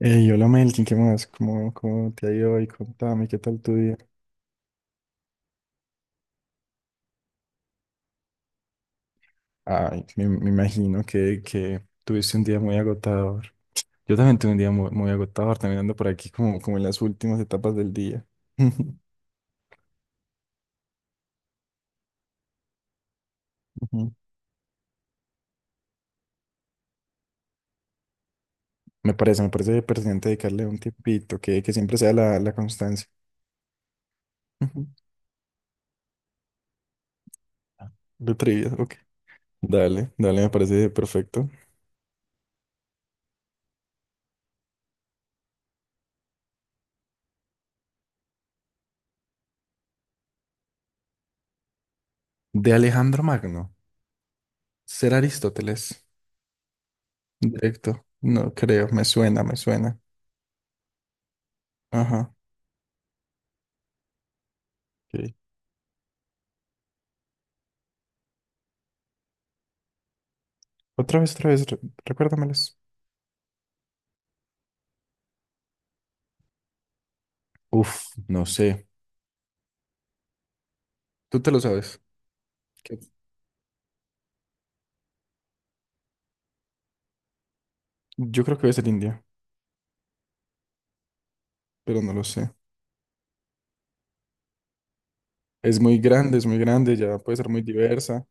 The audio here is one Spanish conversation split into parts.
Yo hola Melkin, ¿qué más? ¿Cómo te ha ido hoy? Contame, ¿qué tal tu día? Ay, me imagino que tuviste un día muy agotador. Yo también tuve un día muy, muy agotador, también ando por aquí como en las últimas etapas del día. Ujú. Me parece pertinente dedicarle un tiempito, que siempre sea la constancia. Ujú. De trivia, ok. Dale, dale, me parece perfecto. De Alejandro Magno, ser Aristóteles. Directo, no creo, me suena, me suena. Ajá. Ok. Otra vez, recuérdamelas. Uf, no sé. Tú te lo sabes. ¿Qué? Yo creo que debe ser India, pero no lo sé. Es muy grande, ya puede ser muy diversa.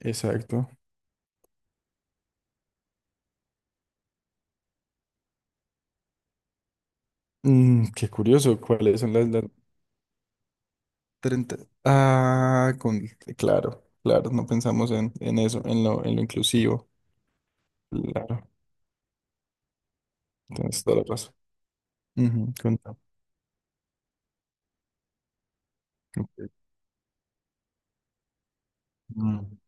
Exacto. Qué curioso, ¿cuáles son las 30? Ah, claro, claro, no pensamos en eso, en lo inclusivo. Claro, tienes toda la razón. Ujú, contame. Ok. Mm.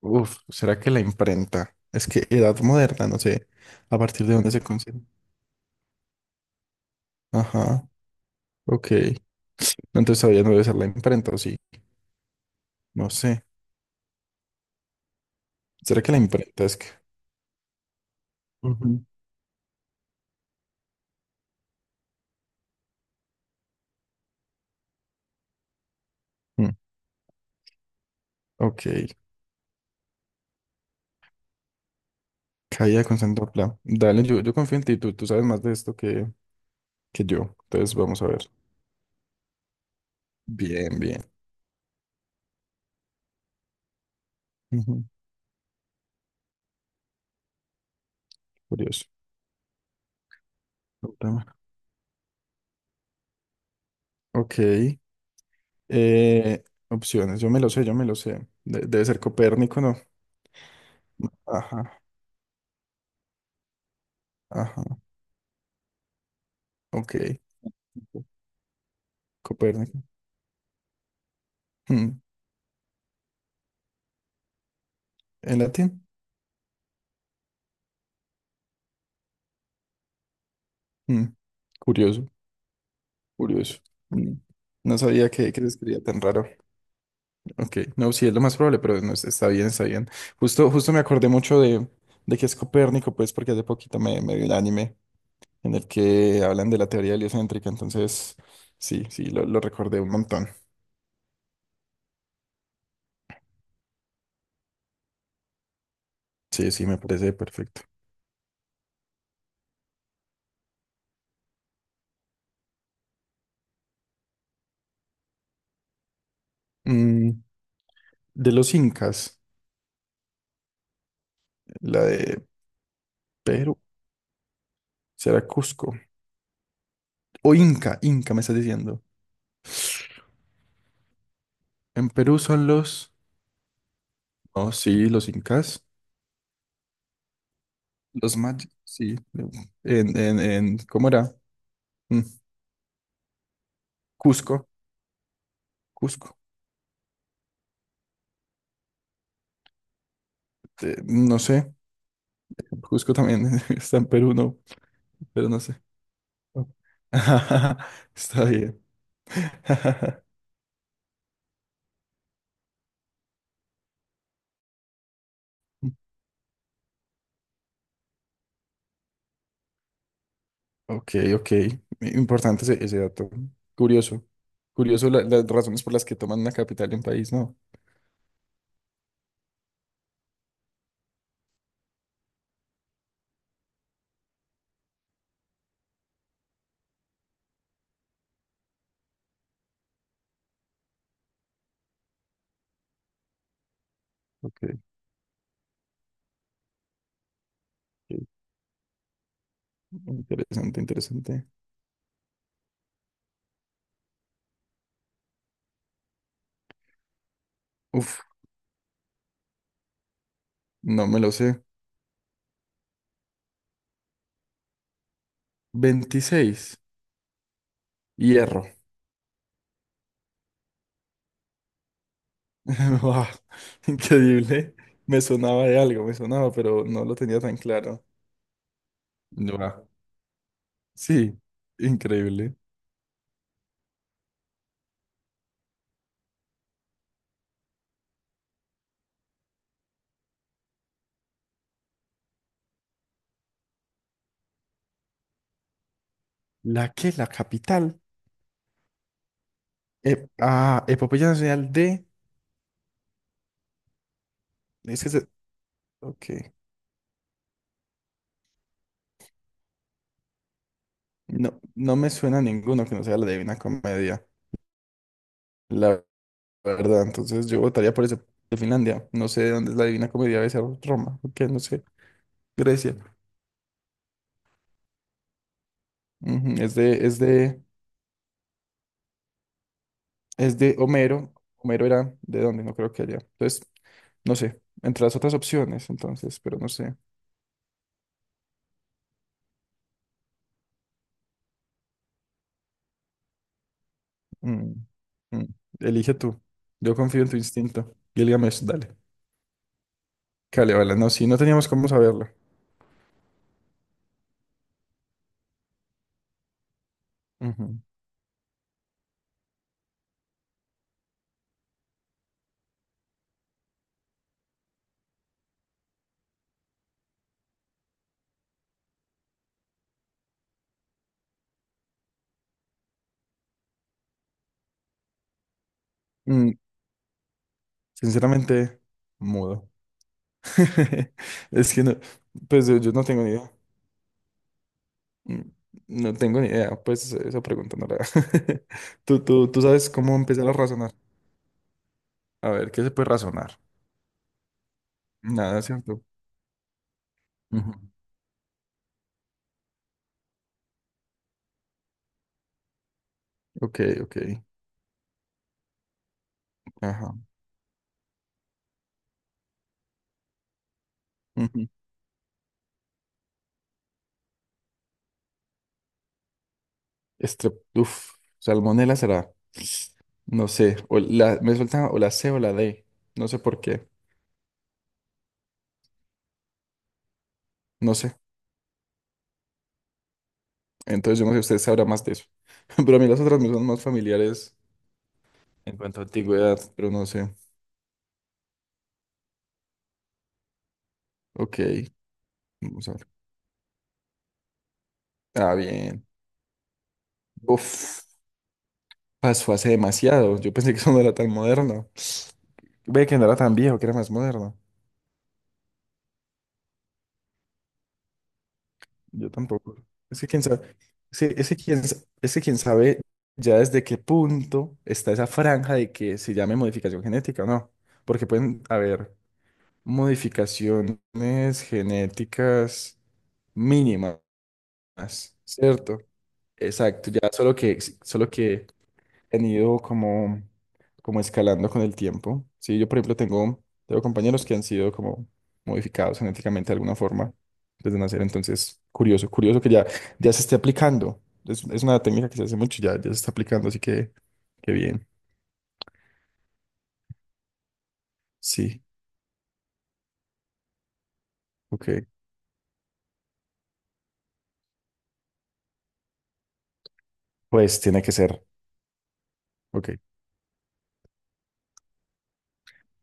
Uf, ¿será que la imprenta? Es que edad moderna, no sé a partir de dónde se considera. Ajá. Ok. Entonces todavía no debe ser la imprenta, ¿o sí? No sé. ¿Será que la imprenta es que...? Ujú. Mm, ok, caída con Santopla. Dale, yo confío en ti, tú sabes más de esto que yo. Entonces vamos a ver. Bien, bien. Ujú. Curioso. No tema. Ok, opciones, yo me lo sé, yo me lo sé. Debe ser Copérnico, ¿no? Ajá, ajá, ok. Copérnico. Mm, ¿En latín? Mm. Curioso. Curioso. Mm. No sabía que se escribía tan raro. Ok, no, sí, es lo más probable, pero no, está bien, está bien. Justo, justo me acordé mucho de que es Copérnico, pues, porque hace poquito me vi el anime en el que hablan de la teoría heliocéntrica, entonces, sí, sí, lo recordé un montón. Sí, sí, me parece perfecto. Mm, de los incas, la de Perú, será Cusco. O Inca, Inca, me estás diciendo. En Perú son los... Oh, sí, los incas. Los mayas, sí. ¿Cómo era? Mm, Cusco, Cusco. No sé. Cusco también está en Perú, no, pero no sé. Está bien. Ok, ok. Importante ese dato. Curioso. Curioso las razones por las que toman una capital en país, ¿no? Ok, ok. Interesante, interesante. Uf, no me lo sé. 26. Hierro. Wow, increíble. Me sonaba de algo, me sonaba, pero no lo tenía tan claro. Buah, sí, increíble. ¿La qué? La capital. Epopeya Nacional de... Es que ok. No, no me suena a ninguno que no sea la Divina Comedia, la verdad. Entonces yo votaría por ese de Finlandia. No sé dónde es la Divina Comedia, debe ser Roma, ok, no sé. Grecia. Ujú. Es de Homero. Homero era de dónde, no creo que haya. Entonces, no sé, entre las otras opciones, entonces, pero no sé. Mm, mm, Elige tú. Yo confío en tu instinto. Gilgamesh, dale. Cale, vale, no, sí, no teníamos cómo saberlo. Ujú. Mm, Sinceramente, mudo. Es que no, pues yo no tengo ni idea. Mm, No tengo ni idea, pues esa pregunta no la... Tú sabes cómo empezar a razonar. A ver, ¿qué se puede razonar? Nada, ¿cierto? Ujú. Ok, ok. Ajá. Ujú. Estrep, uf, Salmonela será. No sé. O la, me suelta o la C o la D. No sé por qué. No sé. Entonces yo no sé, usted sabrá más de eso. Pero a mí las otras me son más familiares en cuanto a antigüedad, pero no sé. Ok. Vamos a ver. Ah, bien. Uf, pasó hace demasiado. Yo pensé que eso no era tan moderno. Ve que no era tan viejo, que era más moderno. Yo tampoco. Es que quién sabe, es que, es que quién, sa- es que quién sabe ya desde qué punto está esa franja de que se llame modificación genética o no. Porque pueden haber modificaciones genéticas mínimas, ¿cierto? Exacto, ya solo que han ido como escalando con el tiempo. Sí, yo por ejemplo tengo compañeros que han sido como modificados genéticamente de alguna forma desde nacer, entonces curioso, curioso que ya se esté aplicando. Es una técnica que se hace mucho, ya se está aplicando, así que qué bien. Sí, ok. Pues tiene que ser, ok,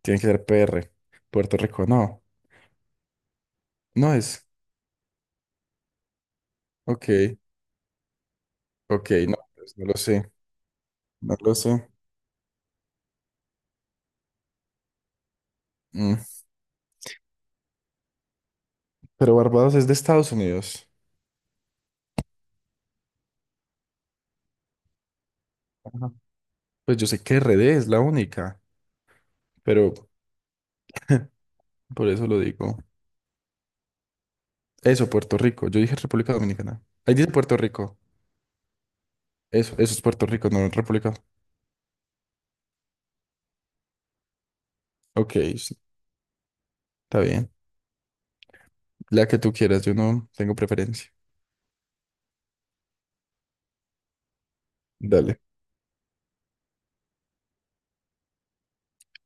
tiene que ser PR, Puerto Rico, no, no es, ok, ok, no, pues, no lo sé, no lo sé. Mm. Pero Barbados es de Estados Unidos. Pues yo sé que RD es la única, pero por eso lo digo. Eso, Puerto Rico. Yo dije República Dominicana. Ahí dice Puerto Rico. Eso es Puerto Rico, no República. Ok, sí, está bien. La que tú quieras, yo no tengo preferencia. Dale.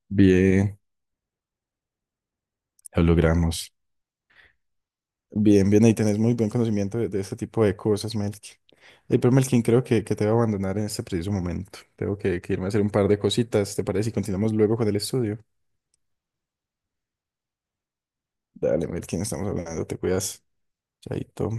Bien, lo logramos. Bien, bien, ahí tenés muy buen conocimiento de este tipo de cosas, Melkin. Pero Melkin, creo que te voy a abandonar en este preciso momento. Tengo que irme a hacer un par de cositas, ¿te parece? Y continuamos luego con el estudio. Dale, Melkin, estamos hablando, te cuidas. Chaito.